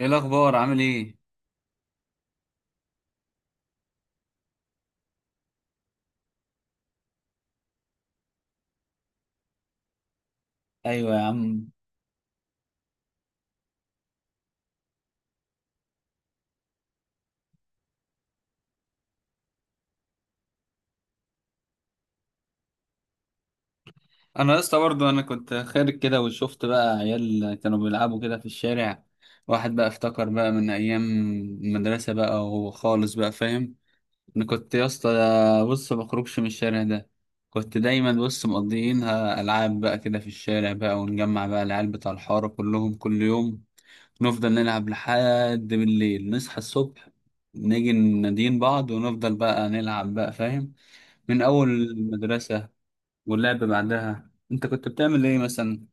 ايه الاخبار؟ عامل ايه؟ ايوه يا عم. انا يا اسطى برضه انا كنت خارج كده وشفت بقى عيال كانوا بيلعبوا كده في الشارع. واحد بقى افتكر بقى من ايام المدرسه بقى، وهو خالص بقى فاهم. انا كنت يا اسطى، بص، ما بخرجش من الشارع ده. كنت دايما بص مقضيينها العاب بقى كده في الشارع بقى، ونجمع بقى العيال بتاع الحاره كلهم كل يوم. نفضل نلعب لحد بالليل، نصحى الصبح نيجي ننادين بعض ونفضل بقى نلعب بقى، فاهم؟ من أول المدرسة واللعب بعدها، أنت كنت بتعمل إيه مثلا؟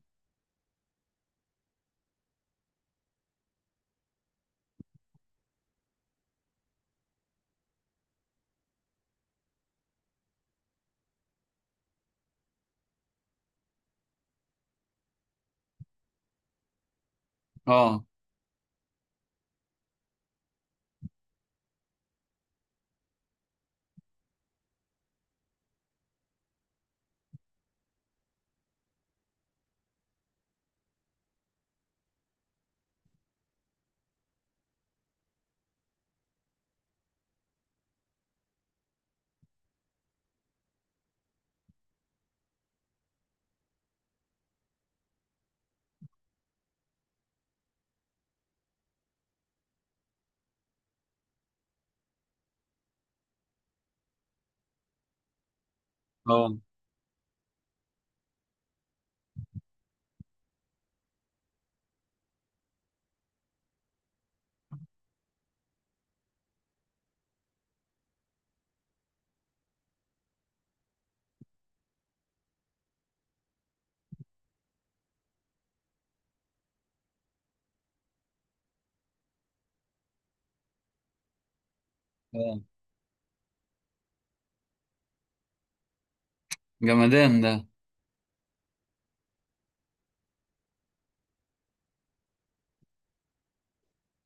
آه. آه. آه. جمدان ده.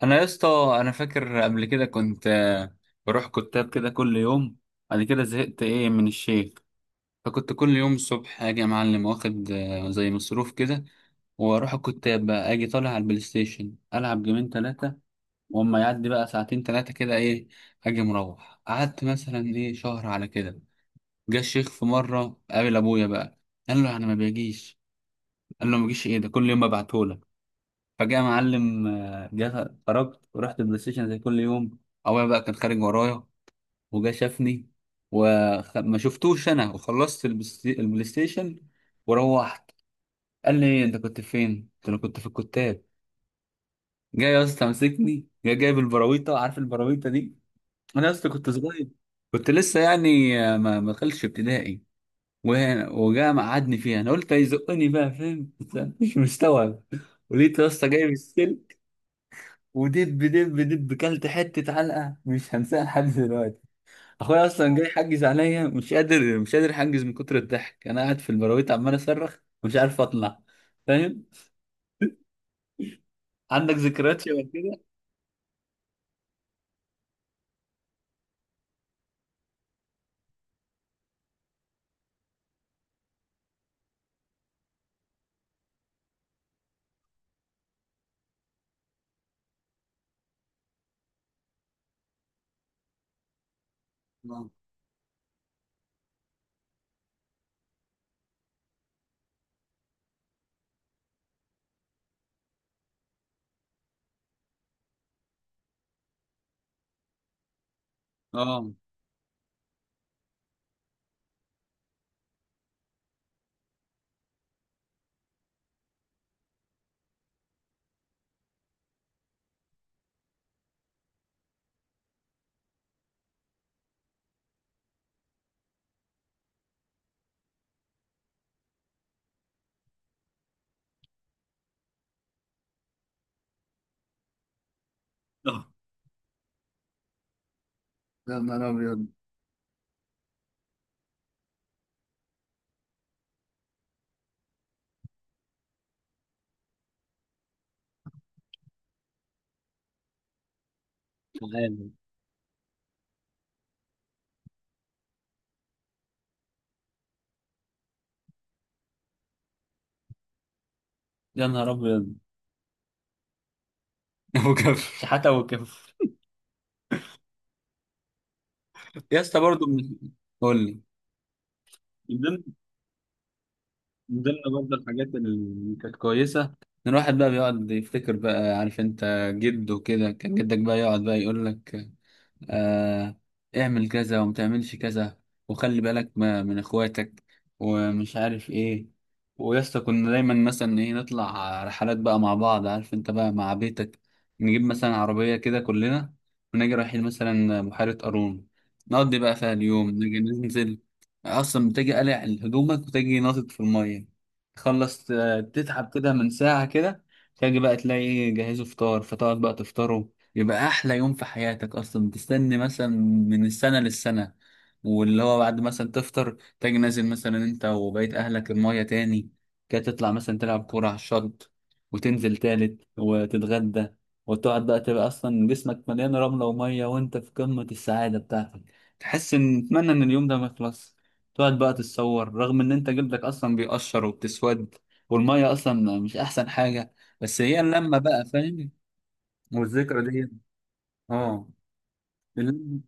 أنا يا اسطى، أنا فاكر قبل كده كنت بروح كتاب كده كل يوم. بعد كده زهقت إيه من الشيخ، فكنت كل يوم الصبح أجي يا معلم واخد زي مصروف كده، وأروح الكتاب بقى، أجي طالع على البلاي ستيشن ألعب جيمين تلاتة. وأما يعدي بقى ساعتين تلاتة كده إيه، أجي مروح. قعدت مثلا إيه شهر على كده، جه الشيخ في مره قابل ابويا بقى، قال له انا ما بيجيش. قال له ما بيجيش؟ ايه ده، كل يوم ببعتهولك. فجاء معلم جه، خرجت ورحت بلاي ستيشن زي كل يوم. ابويا بقى كان خارج ورايا، وجا شافني، وما شفتوش انا، وخلصت البلاي ستيشن وروحت. قال لي إيه، انت كنت فين؟ قلت له كنت في الكتاب. جاي يا اسطى مسكني، جاي جايب البراويطه، عارف البراويطه دي؟ انا يا اسطى كنت صغير، كنت لسه يعني ما دخلتش ابتدائي. وهنا وجاء مقعدني فيها، انا قلت هيزقني بقى، فاهم؟ بس أنا مش مستوعب. ولقيت يا اسطى جايب السلك، ودب دب دب، كلت حته علقه مش هنساها لحد دلوقتي. اخويا اصلا جاي يحجز عليا، مش قادر، مش قادر احجز من كتر الضحك، انا قاعد في البراويت عمال اصرخ ومش عارف اطلع، فاهم؟ عندك ذكريات شبه كده؟ آه. اه. آه. يا نهار أبيض. تعالى. يا نهار ابيض. ابو كف، شحات ابو كف. يا اسطى برضه قول لي، من ضمن برضه الحاجات اللي كانت كويسة، إن الواحد بقى بيقعد يفتكر بقى، عارف أنت، جده كده كان، جدك بقى يقعد بقى يقول لك آه اعمل كذا وما تعملش كذا، وخلي بالك ما من اخواتك، ومش عارف ايه. ويسطا كنا دايما مثلا ايه، نطلع رحلات بقى مع بعض، عارف انت بقى، مع بيتك. نجيب مثلا عربية كده كلنا ونجي رايحين مثلا بحيرة قارون، نقضي بقى فيها اليوم، نجي ننزل اصلا، بتجي قلع هدومك وتجي ناطط في المية. تخلص تتعب كده من ساعة كده، تجي بقى تلاقي إيه، جهزوا فطار، فتقعد بقى تفطروا. يبقى احلى يوم في حياتك، اصلا تستنى مثلا من السنه للسنه. واللي هو بعد مثلا تفطر تاجي نازل مثلا انت وبقيت اهلك المايه تاني، كده تطلع مثلا تلعب كوره على الشط، وتنزل تالت وتتغدى، وتقعد بقى تبقى اصلا جسمك مليان رمله وميه، وانت في قمه السعاده بتاعتك. تحس ان تتمنى ان اليوم ده ما يخلص. تقعد بقى تتصور رغم ان انت جلدك اصلا بيقشر وبتسود، والميه اصلا مش احسن حاجه، بس هي اللمه بقى، فاهم؟ والذكرى دي. اه. ال-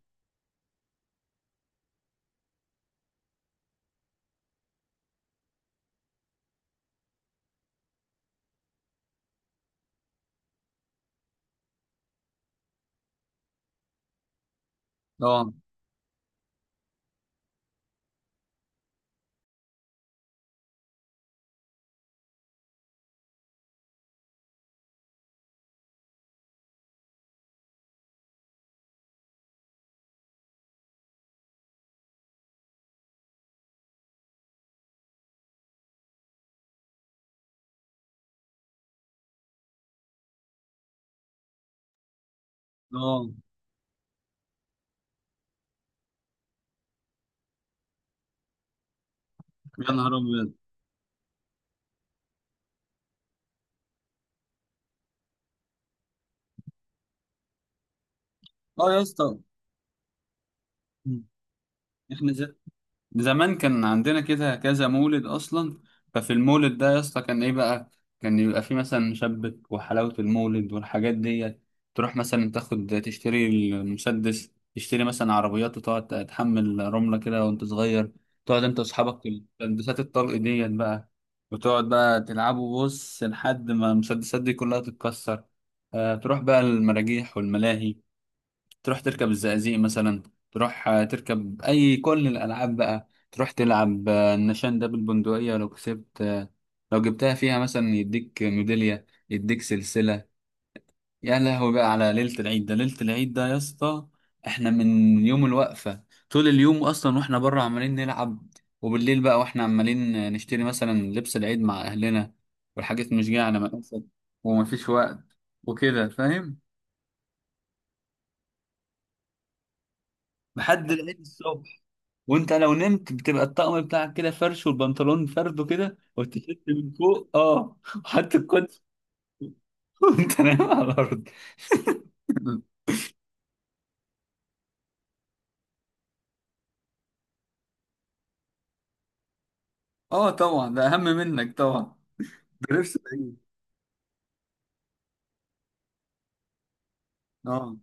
اه. اه. يا نهار ابيض. اه يا اسطى، احنا زي زمان كان عندنا كده كذا مولد اصلا. ففي المولد ده يا اسطى كان ايه بقى، كان يبقى فيه مثلا شبك وحلاوة المولد والحاجات ديت. تروح مثلا تاخد تشتري المسدس، تشتري مثلا عربيات، وتقعد تحمل رملة كده وانت صغير. تقعد انت واصحابك في المسدسات الطلق ديت بقى، وتقعد بقى تلعبوا بص لحد ما المسدسات دي كلها تتكسر. آه، تروح بقى المراجيح والملاهي، تروح تركب الزقازيق مثلا، تروح تركب اي كل الالعاب بقى، تروح تلعب النشان ده بالبندقية. لو كسبت لو جبتها فيها مثلا، يديك ميدالية، يديك سلسلة. يا لهوي بقى على ليلة العيد ده، ليلة العيد ده يا اسطى، احنا من يوم الوقفة طول اليوم اصلا واحنا بره عمالين نلعب. وبالليل بقى واحنا عمالين نشتري مثلا لبس العيد مع اهلنا، والحاجات مش جايه على مقاسك، ومفيش وقت، وكده، فاهم؟ لحد العيد الصبح. وانت لو نمت بتبقى الطقم بتاعك كده فرش، والبنطلون فرده كده، والتيشيرت من فوق، اه، حط الكوتش. وانت نايم على الارض. اه طبعا، ده اهم منك طبعا. ده لبس بعيد. اه.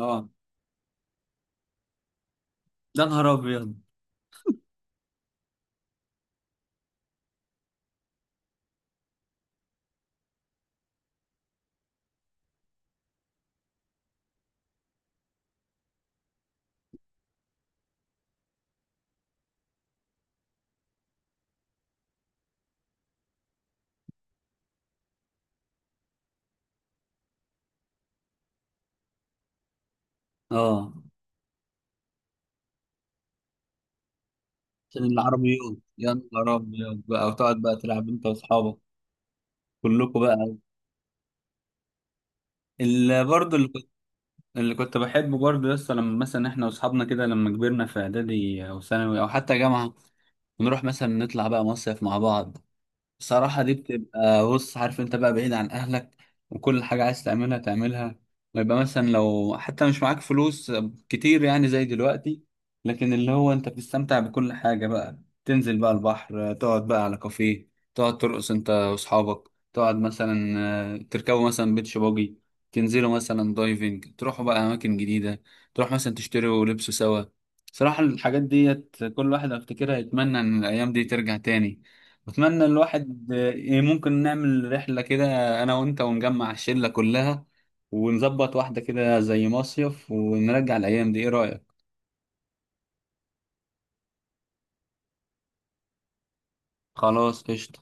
اه. ده نهار ابيض. اه، عشان العربيات يا نهار ابيض بقى، وتقعد بقى تلعب انت واصحابك كلكم بقى. اللي برضه اللي كنت اللي كنت بحبه برضه لسه، لما مثلا احنا واصحابنا كده لما كبرنا في اعدادي او ثانوي او حتى جامعه، ونروح مثلا نطلع بقى مصيف مع بعض. صراحة دي بتبقى بص، عارف انت بقى بعيد عن اهلك، وكل حاجة عايز تعملها تعملها. ويبقى مثلا لو حتى مش معاك فلوس كتير يعني زي دلوقتي، لكن اللي هو انت بتستمتع بكل حاجة بقى. تنزل بقى البحر، تقعد بقى على كافيه، تقعد ترقص انت واصحابك، تقعد مثلا تركبوا مثلا بيتش باجي، تنزلوا مثلا دايفنج، تروحوا بقى اماكن جديدة، تروح مثلا تشتروا لبس سوا. صراحة الحاجات ديت كل واحد افتكرها يتمنى ان الايام دي ترجع تاني. بتمنى الواحد ممكن نعمل رحلة كده، أنا وأنت، ونجمع الشلة كلها، ونظبط واحدة كده زي مصيف، ونرجع الأيام دي. إيه رأيك؟ خلاص قشطة.